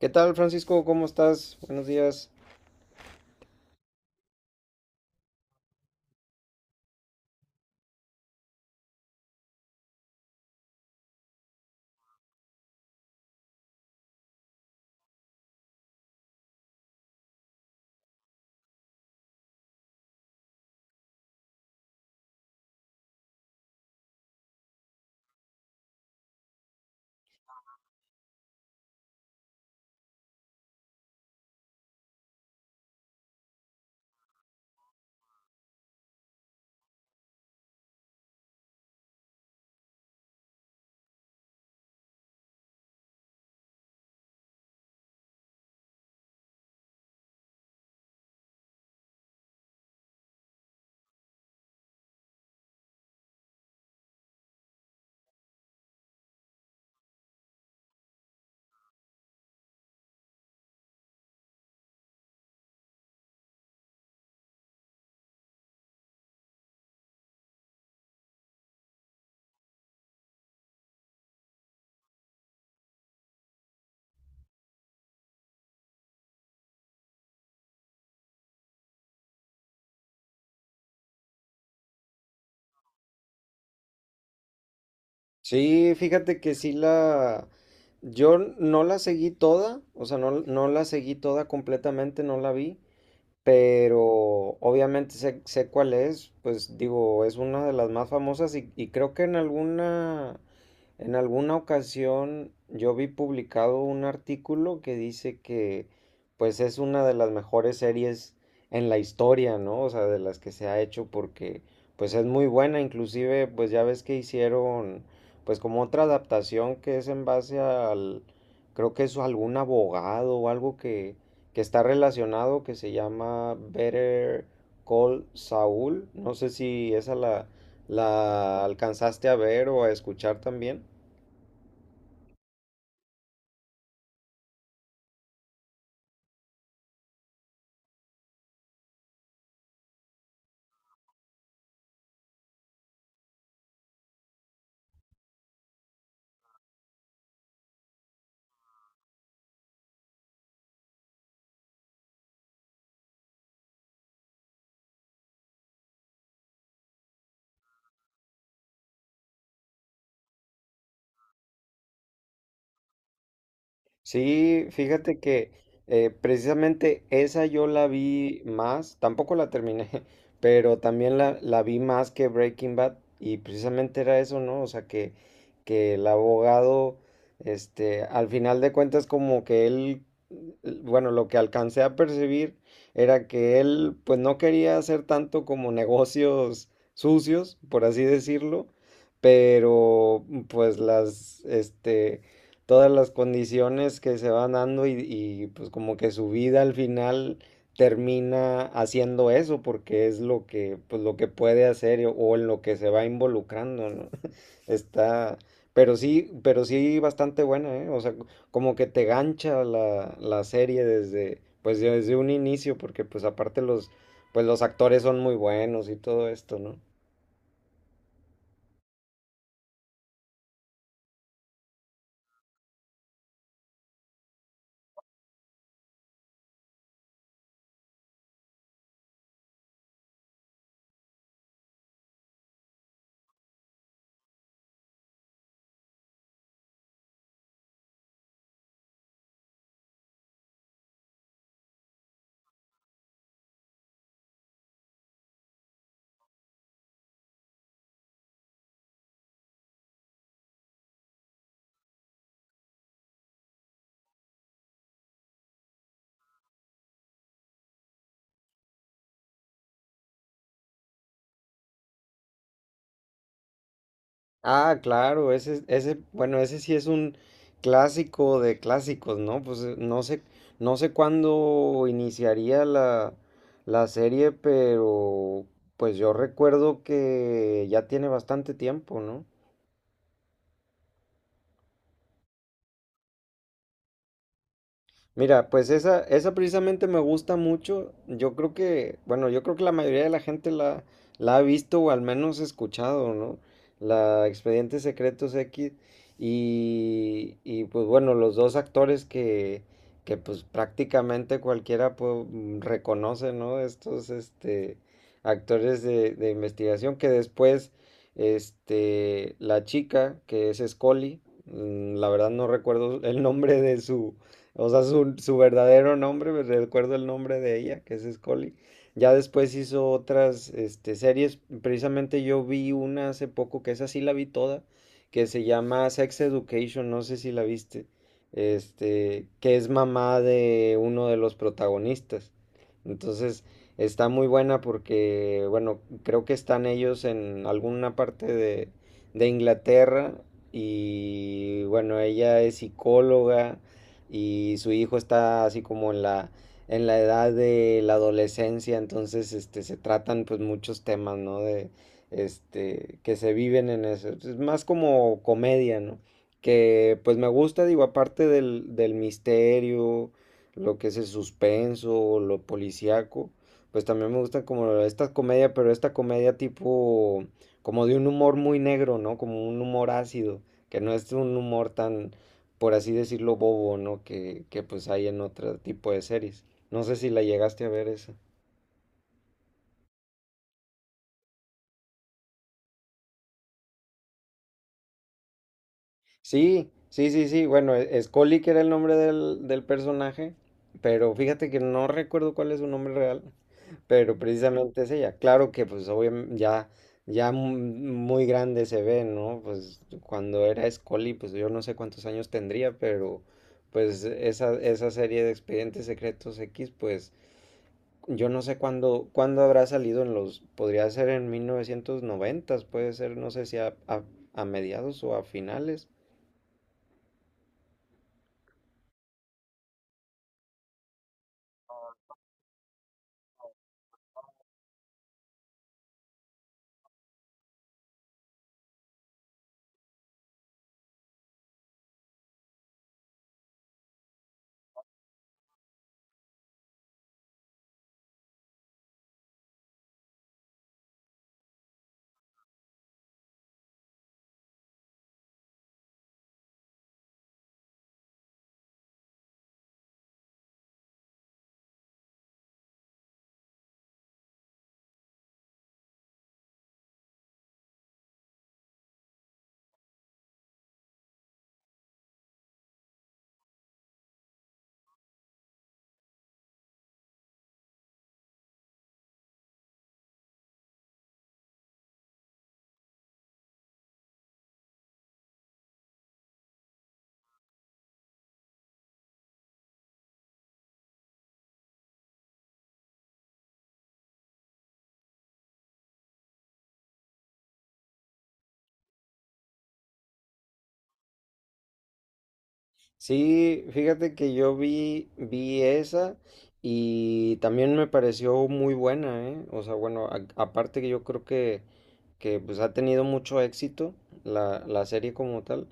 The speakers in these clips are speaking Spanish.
¿Qué tal, Francisco? ¿Cómo estás? Buenos días. Sí, fíjate que sí la... Yo no la seguí toda, o sea, no la seguí toda completamente, no la vi, pero obviamente sé cuál es, pues digo, es una de las más famosas y creo que en alguna ocasión yo vi publicado un artículo que dice que pues es una de las mejores series en la historia, ¿no? O sea, de las que se ha hecho porque pues es muy buena, inclusive pues ya ves que hicieron pues como otra adaptación que es en base al, creo que es algún abogado o algo que está relacionado, que se llama Better Call Saul. No sé si esa la alcanzaste a ver o a escuchar también. Sí, fíjate que precisamente esa yo la vi más, tampoco la terminé, pero también la vi más que Breaking Bad y precisamente era eso, ¿no? O sea, que el abogado, este, al final de cuentas como que él, l- bueno, lo que alcancé a percibir era que él pues no quería hacer tanto como negocios sucios, por así decirlo, pero pues las, este todas las condiciones que se van dando pues como que su vida al final termina haciendo eso porque es lo que pues lo que puede hacer o en lo que se va involucrando, ¿no? Está, pero sí bastante buena, ¿eh? O sea, como que te gancha la, la serie desde pues desde un inicio porque pues aparte los pues los actores son muy buenos y todo esto, ¿no? Ah, claro, ese, bueno, ese sí es un clásico de clásicos, ¿no? Pues no sé, no sé cuándo iniciaría la, la serie, pero pues yo recuerdo que ya tiene bastante tiempo, ¿no? Mira, pues esa precisamente me gusta mucho. Yo creo que, bueno, yo creo que la mayoría de la gente la, la ha visto o al menos escuchado, ¿no? La Expedientes Secretos X. Y pues bueno, los dos actores que pues prácticamente cualquiera pues, mm, reconoce, ¿no? Estos este, actores de investigación que después, este, la chica que es Scully, mm, la verdad no recuerdo el nombre de su o sea, su verdadero nombre, me recuerdo el nombre de ella, que es Scully. Ya después hizo otras este, series. Precisamente yo vi una hace poco, que esa sí la vi toda, que se llama Sex Education, no sé si la viste. Este, que es mamá de uno de los protagonistas. Entonces, está muy buena porque, bueno, creo que están ellos en alguna parte de Inglaterra. Y bueno, ella es psicóloga y su hijo está así como en la edad de la adolescencia, entonces este, se tratan pues muchos temas, ¿no? De, este, que se viven en eso. Es más como comedia, ¿no? Que pues me gusta, digo, aparte del, del misterio, lo que es el suspenso, lo policíaco, pues también me gusta como esta comedia, pero esta comedia tipo, como de un humor muy negro, ¿no? Como un humor ácido, que no es un humor tan, por así decirlo, bobo, ¿no? Que pues hay en otro tipo de series. No sé si la llegaste a ver esa. Sí, sí, sí, sí. Bueno, e- Scully, que era el nombre del, del personaje, pero fíjate que no recuerdo cuál es su nombre real, pero precisamente es ella. Claro que pues obviamente ya, ya mu- muy grande se ve, ¿no? Pues cuando era Scully, pues yo no sé cuántos años tendría, pero pues esa serie de Expedientes Secretos X, pues yo no sé cuándo, cuándo habrá salido en los, podría ser en 1990, puede ser, no sé si a, a mediados o a finales, sí, fíjate que yo vi, vi esa y también me pareció muy buena, ¿eh? O sea, bueno, a- aparte que yo creo que pues ha tenido mucho éxito la, la serie como tal,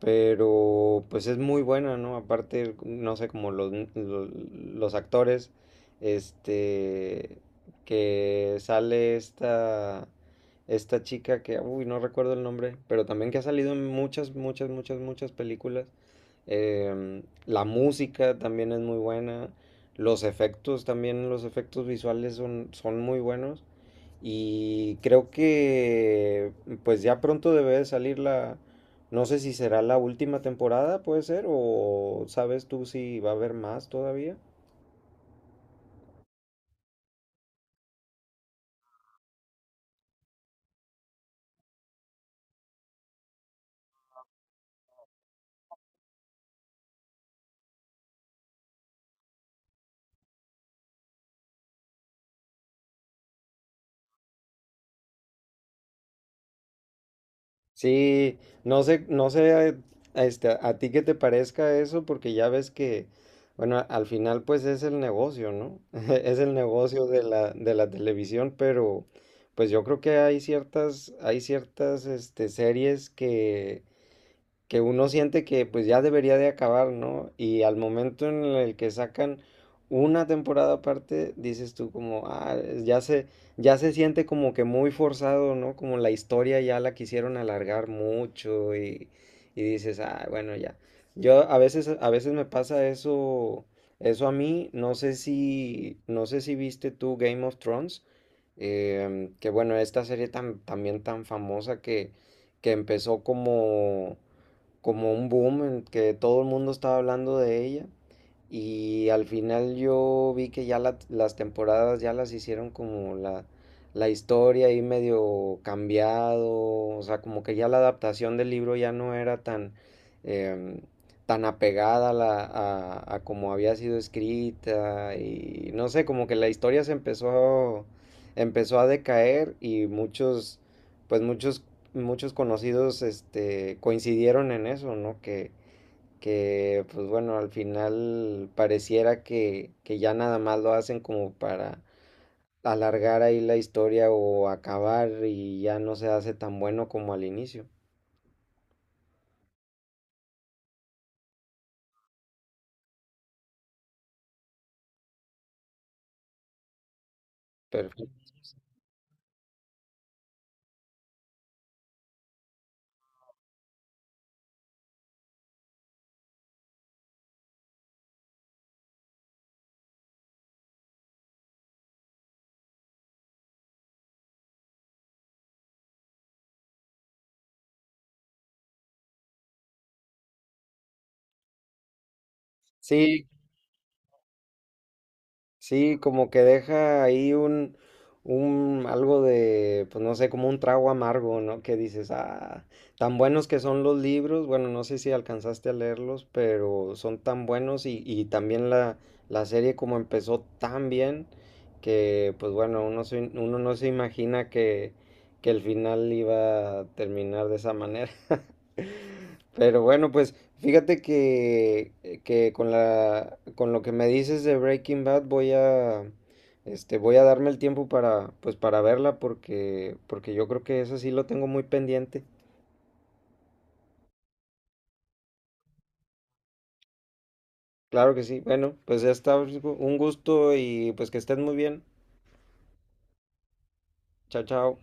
pero pues es muy buena, ¿no? Aparte, no sé, como los actores, este, que sale esta, esta chica que, uy, no recuerdo el nombre, pero también que ha salido en muchas películas. Em, la música también es muy buena. Los efectos también, los efectos visuales son muy buenos. Y creo que pues ya pronto debe de salir la, no sé si será la última temporada, puede ser, o sabes tú si va a haber más todavía. Sí, no sé este, a ti qué te parezca eso, porque ya ves que, bueno, al final pues es el negocio, ¿no? Es el negocio de la televisión, pero pues yo creo que hay ciertas, este, series que uno siente que pues ya debería de acabar, ¿no? Y al momento en el que sacan una temporada aparte, dices tú como, ah, es- ya se siente como que muy forzado, ¿no? Como la historia ya la quisieron alargar mucho y dices, ah, bueno, ya. Yo a veces me pasa eso, eso a mí, no sé si viste tú Game of Thrones, que bueno, esta serie tan, también tan famosa que empezó como un boom en que todo el mundo estaba hablando de ella. Y al final yo vi que ya la- las temporadas ya las hicieron como la historia ahí medio cambiado, o sea, como que ya la adaptación del libro ya no era tan, em, tan apegada a, la- a como había sido escrita y no sé, como que la historia se empezó, empezó a decaer y muchos, pues muchos muchos conocidos este, coincidieron en eso, ¿no? Que, pues bueno, al final pareciera que ya nada más lo hacen como para alargar ahí la historia o acabar y ya no se hace tan bueno como al inicio. Perfecto. Sí, sí, como que deja ahí un algo de, pues no sé, como un trago amargo, ¿no? Que dices, ah, tan buenos que son los libros, bueno, no sé si alcanzaste a leerlos, pero son tan buenos y también la serie como empezó tan bien que, pues bueno, uno, se- uno no se imagina que el final iba a terminar de esa manera. Pero bueno, pues fíjate que con la, con lo que me dices de Breaking Bad voy a, este, voy a darme el tiempo para, pues para verla porque, porque yo creo que eso sí lo tengo muy pendiente. Claro que sí. Bueno, pues ya está, un gusto y pues que estén muy bien. Chao, chao.